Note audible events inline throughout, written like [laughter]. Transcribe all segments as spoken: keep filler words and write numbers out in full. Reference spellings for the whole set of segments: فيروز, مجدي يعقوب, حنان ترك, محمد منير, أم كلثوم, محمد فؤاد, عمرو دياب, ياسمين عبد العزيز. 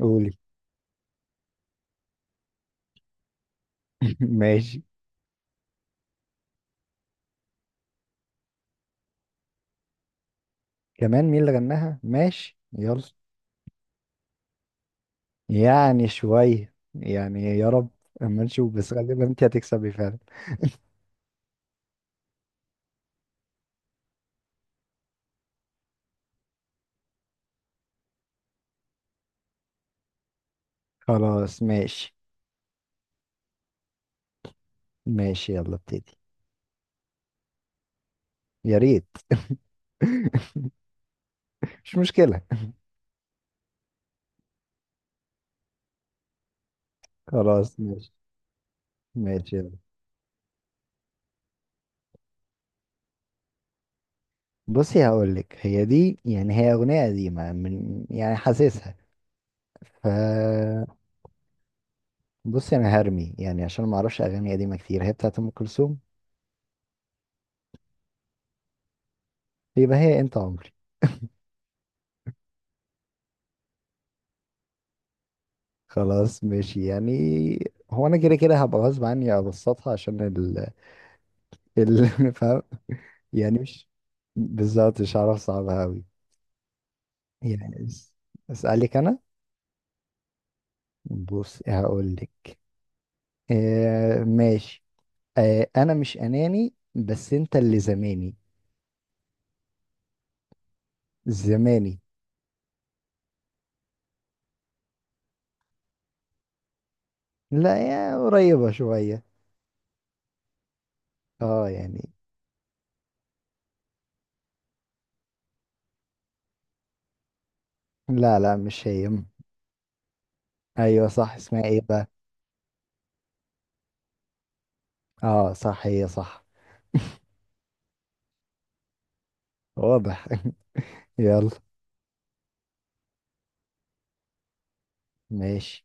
قولي. [laughs] ماشي. كمان، مين اللي غناها؟ ماشي، يلا. يعني شوية، يعني يا رب. اما نشوف، بس غالبا انت هتكسبي فعلا. خلاص ماشي. ماشي يلا ابتدي. يا ريت. [laughs] مش مشكلة. خلاص ماشي. ماشي يلا. بصي، هقولك هي دي، يعني هي أغنية قديمة، من يعني حاسسها. ف، بصي أنا هرمي يعني عشان ما أعرفش أغاني قديمة كتير. هي بتاعت أم كلثوم. يبقى هي أنت عمري. خلاص ماشي يعني. هو انا كده كده هبقى غصب عني ابسطها عشان ال ال. [laughs] فاهم. يعني مش بالظبط، مش هعرف صعبها قوي. يعني اس- اسالك انا. بص هقول لك. آه، ماشي. آه انا مش اناني، بس انت اللي زماني. زماني. لا، يا قريبة شوية. اه يعني. لا لا مش هي. ايوه صح، اسمها ايه بقى؟ اه صح هي صح. واضح. [laughs] يلا. ماشي.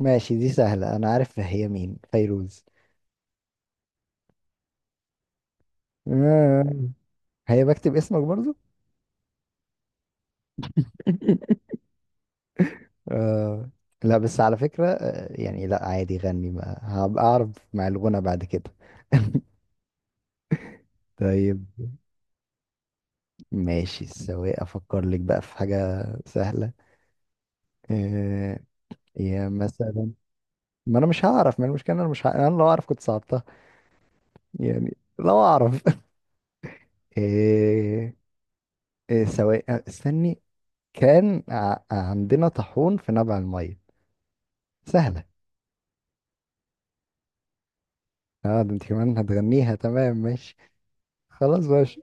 ماشي، دي سهلة. أنا عارف هي مين، فيروز. آه، هي بكتب اسمك برضو. [laughs] آه. لا بس على فكرة، آه، يعني لا عادي، غني ما هبقى أعرف. مع الغنى بعد كده. [laughs] طيب. ماشي، سواء أفكر لك بقى في حاجة سهلة. آه. يا مثلا. ما أنا مش هعرف، ما المشكلة أنا مش ه... أنا لو أعرف كنت صعبتها. يعني لو أعرف. [laughs] آه. آه، سواء استني. كان ع... عندنا طاحون في نبع المية. سهلة. اه ده انت كمان هتغنيها، تمام ماشي. خلاص ماشي.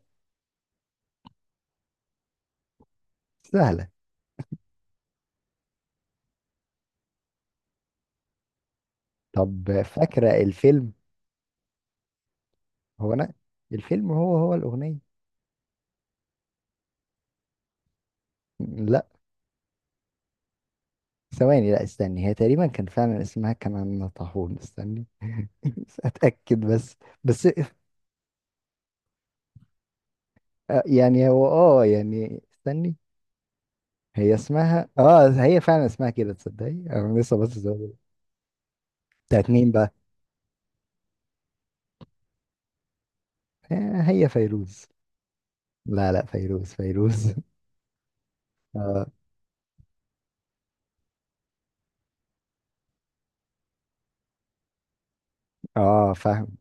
سهلة. طب، فاكرة الفيلم؟ هو انا، الفيلم هو هو الأغنية. لا. ثواني، لا استني، هي تقريبا كان فعلا اسمها كمان طاحون، استني. [laughs] اتأكد بس. بس. آه، يعني هو، اه يعني استني. هي اسمها، اه هي فعلا اسمها كده، تصدقي انا لسه بس. بتاعت مين بقى؟ آه، هي فيروز. لا لا فيروز فيروز. [laughs] اه اه فاهم.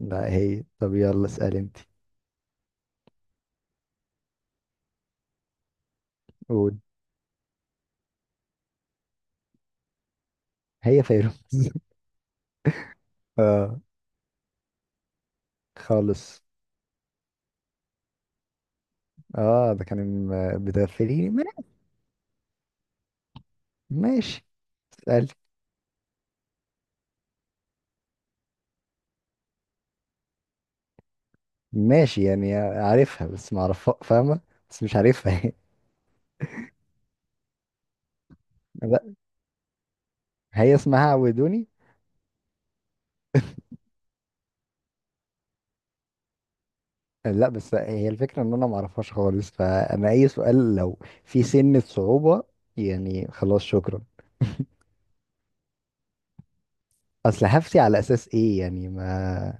لا هي، طب يلا اسأل انت. قول. هي فيروز. [laughs] اه. خالص. اه ده كان م- بتغفليني ما- ماشي. اسأل. ماشي، يعني عارفها بس ما اعرفها، فاهمة. بس مش عارفها. [laughs] لا هي اسمها عودوني. لا بس هي الفكرة ان انا ما اعرفهاش خالص، فانا اي سؤال لو، في سنة صعوبة. يعني خلاص، شكرا. اصل هفتي على اساس ايه يعني ما.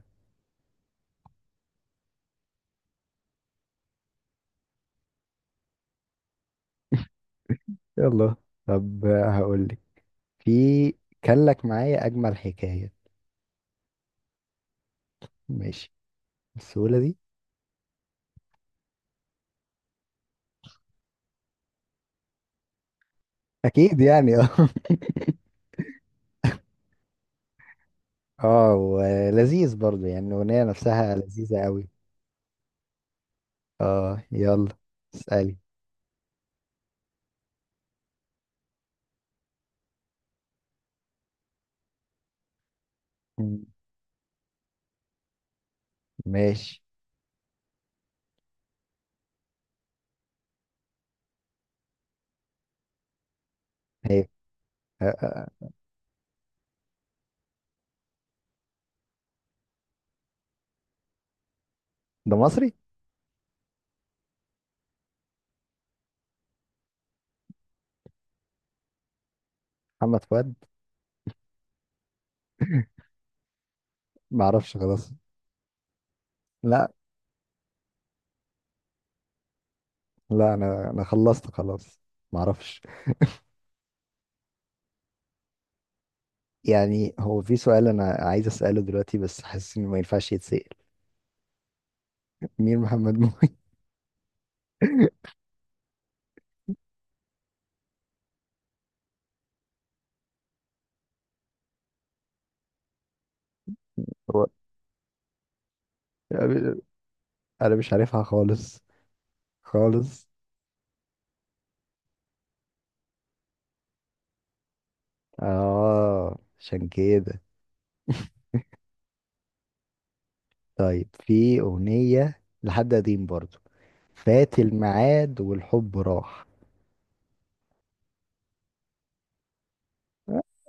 يلا، طب هقول لك، في كان لك معايا اجمل حكاية. ماشي. بالسهولة دي. اكيد يعني. [laughs] اه ولذيذ برضو، يعني الأغنية نفسها مم. لذيذة قوي. اه، يلا. اسألي. مم. ماشي. هي، آه، آه، ده مصري. محمد فؤاد. [laughs] معرفش خلاص. لا لا انا انا خلصت خلاص. معرفش. يعني هو في سؤال انا عايز اسأله دلوقتي، بس حاسس انه ما ينفعش يتسأل. مين محمد مومي؟ [laughs] هو انا مش عارفها خالص. خالص. اه عشان كده. طيب، في أغنية لحد قديم برضو. فات الميعاد والحب راح.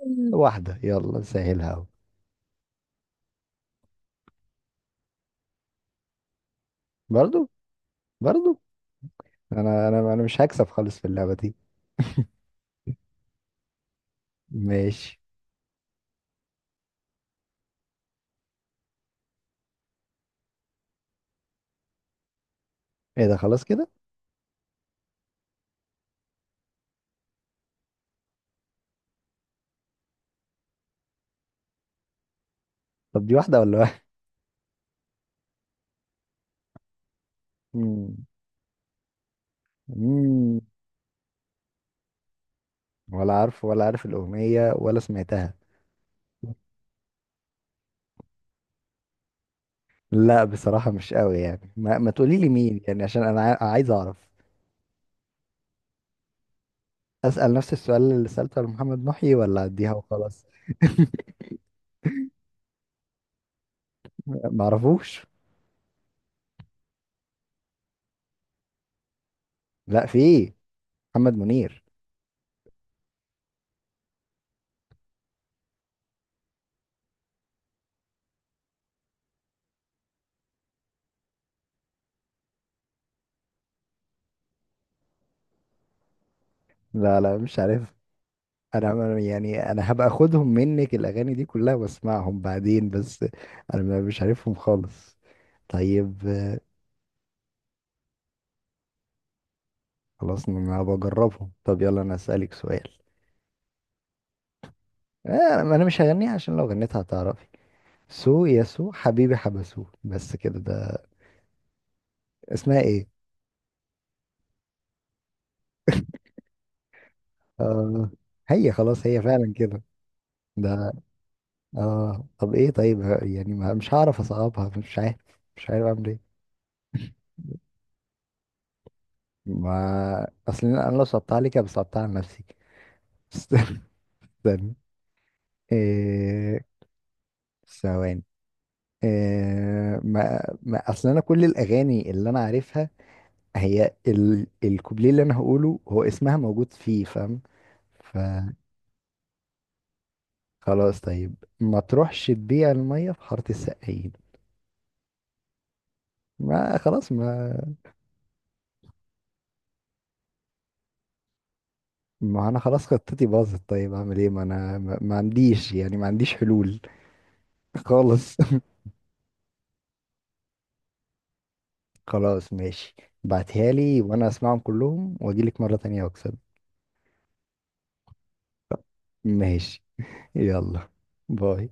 مم. واحدة، يلا سهلها أهو. برضو. برضو. أنا أنا أنا مش هكسب خالص في اللعبة دي. ماشي. إيه ده، خلاص كده. طب دي واحدة ولا واحد؟ مم. مم. ولا عارف ولا عارف الأغنية ولا سمعتها. لا بصراحة مش قوي يعني، ما, ما تقولي لي مين، يعني عشان أنا عا- عايز أعرف. أسأل نفس السؤال اللي سألته لمحمد محي، ولا أديها وخلاص؟ [laughs] معرفوش. لا، في إيه؟ محمد منير. لا لا مش عارف. انا أنا- يعني انا هبقى اخدهم منك الاغاني دي كلها، واسمعهم بعدين بس. انا ما- مش عارفهم خالص. طيب. آه، خلاص انا بجربهم. طب يلا انا اسالك سؤال. آه، انا أنا مش هغنيها عشان لو غنيتها هتعرفي. سو يا سو حبيبي حبسوه، بس كده ده. اسمها ايه؟ آه. هي، خلاص هي فعلا كده. ده. اه طب ايه، طيب ه- يعني ما- مش هعرف اصعبها، مش عارف. مش عارف اعمل ايه. ما اصل انا لو صعبتها عليك أبقى صعبتها على نفسي. [laughs] استنى. إيه... ثواني. إيه... ما... ما اصل انا كل الاغاني اللي انا عارفها هي ال... الكوبليه اللي انا هقوله هو اسمها موجود فيه، فاهم. فخلاص. طيب، ما تروحش تبيع الميه في حاره السقايين. ما خلاص، ما. ما انا خلاص، خطتي باظت، طيب اعمل ايه؟ ما انا ما ما عنديش، يعني ما عنديش حلول. [laughs] خالص. خلاص ماشي. بعتها لي وانا اسمعهم كلهم، واجيلك مرة تانية واكسب. ماشي. يلا. باي.